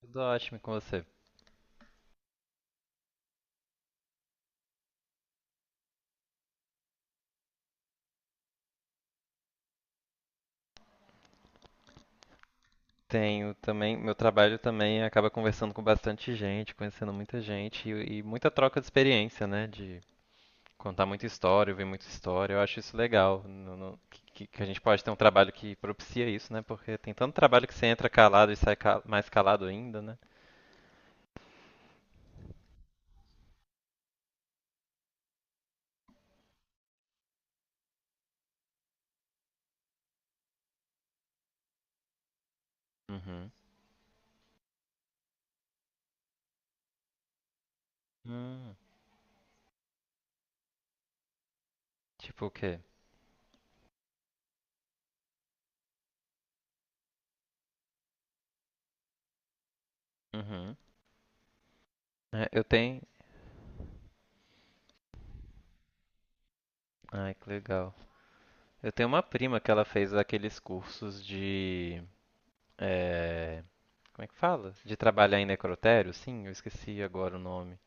Tudo ótimo e com você. Tenho também, meu trabalho também acaba conversando com bastante gente, conhecendo muita gente e muita troca de experiência, né? De contar muita história, ouvir muita história. Eu acho isso legal, que a gente pode ter um trabalho que propicia isso, né? Porque tem tanto trabalho que você entra calado e sai mais calado ainda, né? Uhum. Hum, tipo o quê? Uhum. É, eu tenho. Ai, que legal. Eu tenho uma prima que ela fez aqueles cursos de. eh, Como é que fala? De trabalhar em necrotério? Sim, eu esqueci agora o nome.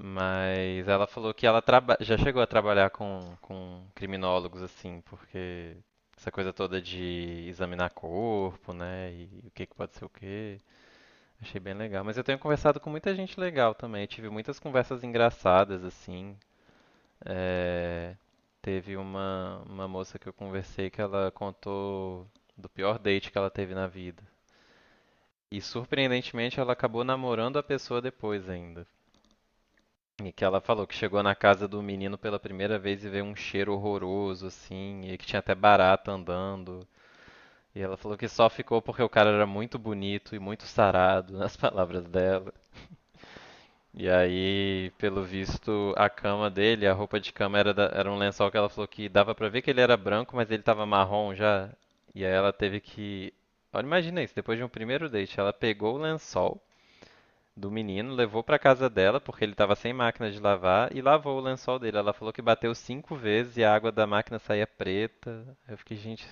Mas ela falou que ela já chegou a trabalhar com criminólogos, assim, porque essa coisa toda de examinar corpo, né? E o que que pode ser o quê. Achei bem legal. Mas eu tenho conversado com muita gente legal também. Tive muitas conversas engraçadas, assim. É, teve uma moça que eu conversei que ela contou do pior date que ela teve na vida. E surpreendentemente ela acabou namorando a pessoa depois ainda. E que ela falou que chegou na casa do menino pela primeira vez e veio um cheiro horroroso, assim, e que tinha até barata andando. E ela falou que só ficou porque o cara era muito bonito e muito sarado, nas palavras dela. E aí, pelo visto, a cama dele, a roupa de cama era, era um lençol que ela falou que dava pra ver que ele era branco, mas ele tava marrom já. E aí ela teve que. Olha, imagina isso, depois de um primeiro date, ela pegou o lençol do menino, levou para casa dela, porque ele estava sem máquina de lavar, e lavou o lençol dele. Ela falou que bateu 5 vezes e a água da máquina saía preta. Eu fiquei, gente,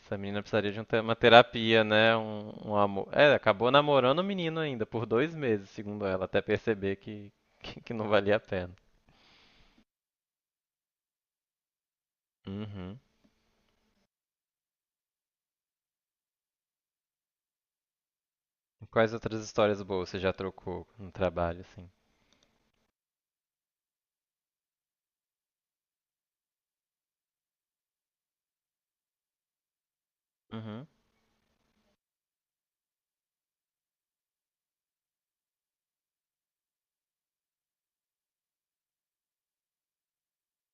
essa menina precisaria de uma terapia, né? Um amor. É, acabou namorando o menino ainda, por 2 meses, segundo ela, até perceber que não valia a pena. Uhum. Quais outras histórias boas você já trocou no trabalho, assim? Uhum,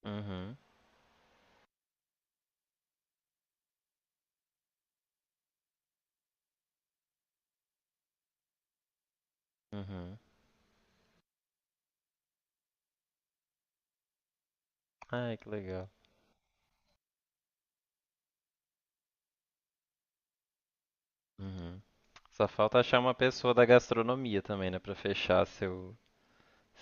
uhum, uhum. Ai, que legal. Uhum. Só falta achar uma pessoa da gastronomia também, né, pra fechar seu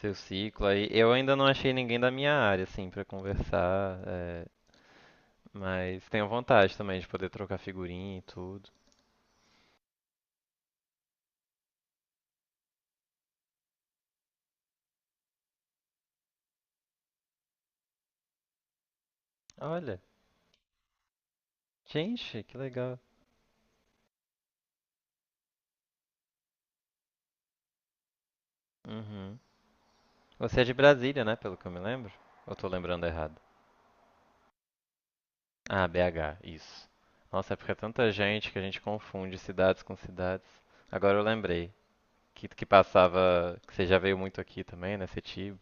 seu ciclo aí. Eu ainda não achei ninguém da minha área assim pra conversar, é, mas tenho vontade também de poder trocar figurinha e tudo. Olha, gente, que legal. Uhum. Você é de Brasília, né, pelo que eu me lembro? Ou tô lembrando errado? Ah, BH, isso. Nossa, é porque é tanta gente que a gente confunde cidades com cidades. Agora eu lembrei que passava, que você já veio muito aqui também, né, Setiba.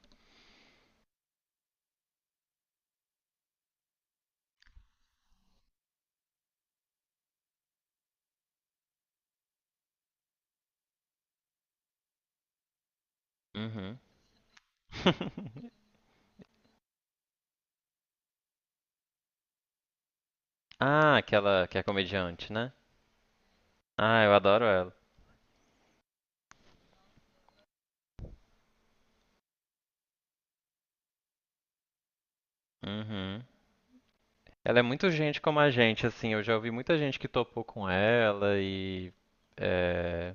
Ah, aquela que é comediante, né? Ah, eu adoro ela. Uhum. Ela é muito gente como a gente, assim. Eu já ouvi muita gente que topou com ela e é,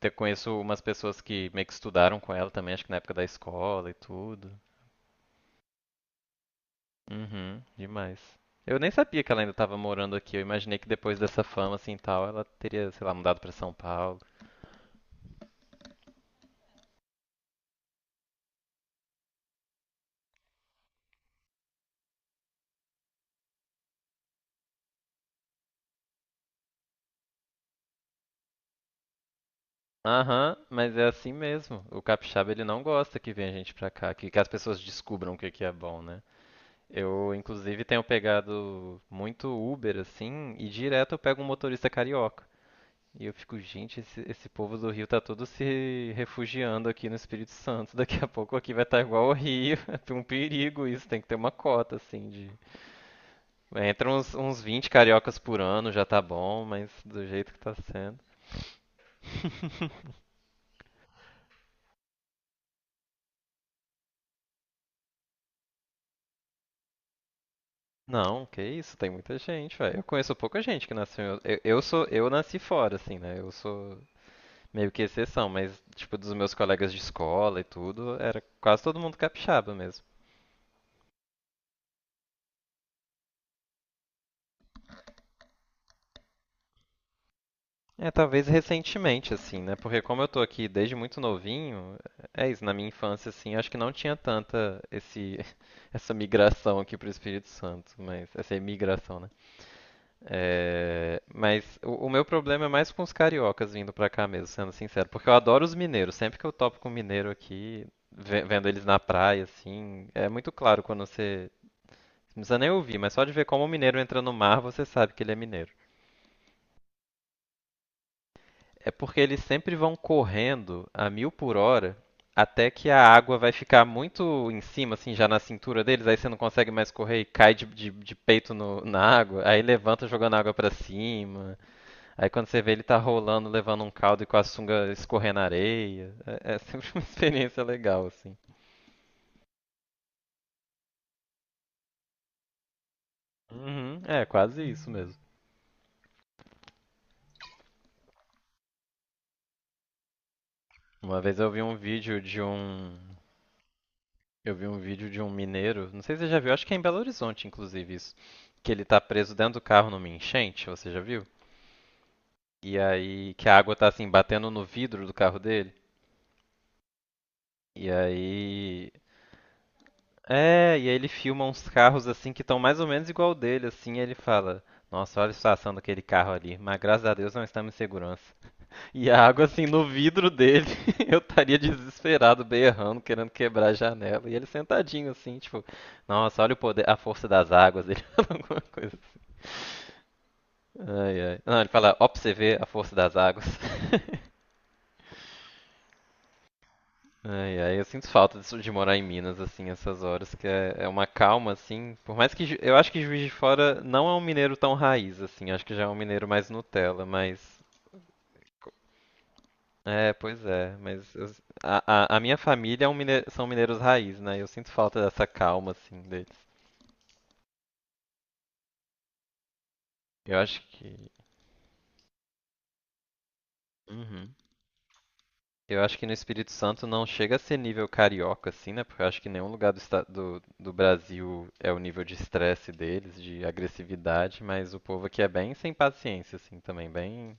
conheço umas pessoas que meio que estudaram com ela também, acho que na época da escola e tudo. Uhum, demais. Eu nem sabia que ela ainda estava morando aqui. Eu imaginei que depois dessa fama assim e tal, ela teria, sei lá, mudado para São Paulo. Aham, mas é assim mesmo. O capixaba ele não gosta que venha gente pra cá, que as pessoas descubram o que que é bom, né? Eu, inclusive, tenho pegado muito Uber, assim, e direto eu pego um motorista carioca. E eu fico, gente, esse povo do Rio tá todo se refugiando aqui no Espírito Santo. Daqui a pouco aqui vai estar igual ao Rio. É um perigo isso, tem que ter uma cota, assim, de... Entra uns 20 cariocas por ano, já tá bom, mas do jeito que tá sendo. Não, que isso, tem muita gente, velho. Eu conheço pouca gente que nasceu. Eu sou, eu nasci fora, assim, né? Eu sou, meio que exceção, mas tipo dos meus colegas de escola e tudo, era quase todo mundo capixaba mesmo. É, talvez recentemente assim, né? Porque como eu tô aqui desde muito novinho, é isso, na minha infância assim, eu acho que não tinha tanta esse essa migração aqui pro Espírito Santo, mas essa imigração, né? É, mas o meu problema é mais com os cariocas vindo pra cá mesmo, sendo sincero, porque eu adoro os mineiros, sempre que eu topo com mineiro aqui, vendo eles na praia assim, é muito claro quando você Não precisa nem ouvir, mas só de ver como o mineiro entra no mar, você sabe que ele é mineiro. É porque eles sempre vão correndo a mil por hora até que a água vai ficar muito em cima, assim, já na cintura deles, aí você não consegue mais correr e cai de peito na água, aí levanta jogando água pra cima, aí quando você vê ele tá rolando, levando um caldo e com a sunga escorrendo na areia. É sempre uma experiência legal, assim. Uhum, é, quase isso mesmo. Uma vez eu vi um vídeo de um Eu vi um vídeo de um mineiro, não sei se você já viu, acho que é em Belo Horizonte, inclusive, isso. Que ele tá preso dentro do carro numa enchente, você já viu? E aí, que a água tá assim, batendo no vidro do carro dele. E aí. É, e aí ele filma uns carros assim que estão mais ou menos igual o dele, assim, e ele fala: Nossa, olha a situação daquele carro ali, mas graças a Deus não estamos em segurança. E a água, assim, no vidro dele, eu estaria desesperado, berrando, querendo quebrar a janela. E ele sentadinho, assim, tipo, nossa, olha o poder, a força das águas. Ele fala alguma coisa. Assim. Ai, ai. Não, ele fala, ó, pra você ver a força das águas. Ai, ai, eu sinto falta disso de morar em Minas, assim, essas horas, que é uma calma, assim. Por mais que eu acho que Juiz de Fora não é um mineiro tão raiz, assim, acho que já é um mineiro mais Nutella, mas É, pois é, mas a minha família é um são mineiros raiz, né? Eu sinto falta dessa calma, assim, deles. Eu acho que. Uhum. Eu acho que no Espírito Santo não chega a ser nível carioca, assim, né? Porque eu acho que nenhum lugar do Brasil é o nível de estresse deles, de agressividade, mas o povo aqui é bem sem paciência, assim, também, bem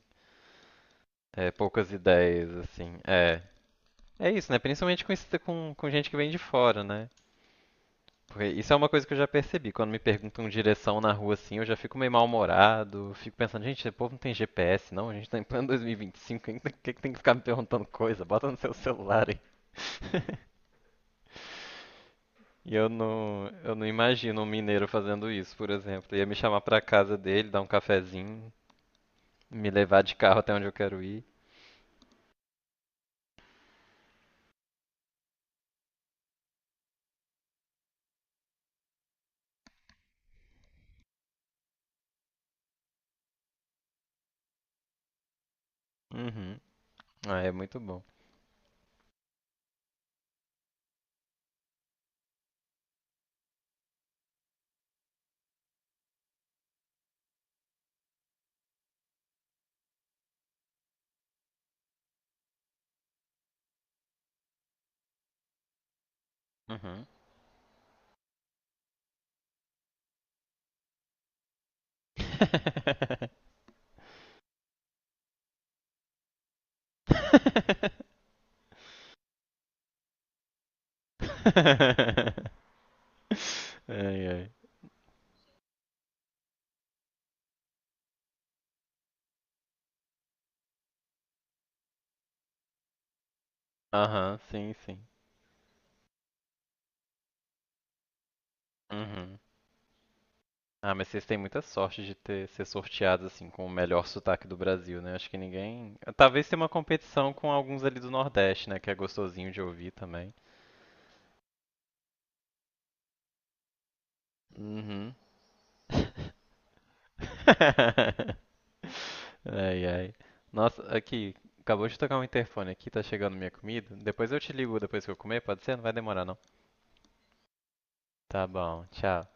é, poucas ideias, assim. É, é isso, né? Principalmente com gente que vem de fora, né? Porque isso é uma coisa que eu já percebi. Quando me perguntam direção na rua assim, eu já fico meio mal-humorado. Fico pensando, gente, esse povo não tem GPS, não? A gente tá em plano 2025, quem que tem que ficar me perguntando coisa? Bota no seu celular aí. E eu não imagino um mineiro fazendo isso, por exemplo. Ia me chamar pra casa dele, dar um cafezinho, me levar de carro até onde eu quero ir. Uhum. Ah, é muito bom. Uhum. Ai, ai. Aham, sim, sim. Uhum. Ah, mas vocês têm muita sorte de ter ser sorteados assim com o melhor sotaque do Brasil, né? Acho que ninguém. Talvez tenha uma competição com alguns ali do Nordeste, né? Que é gostosinho de ouvir também. Uhum. Ai, ai. Nossa, aqui, acabou de tocar um interfone aqui, tá chegando minha comida. Depois eu te ligo depois que eu comer, pode ser? Não vai demorar, não. Tá bom, tchau.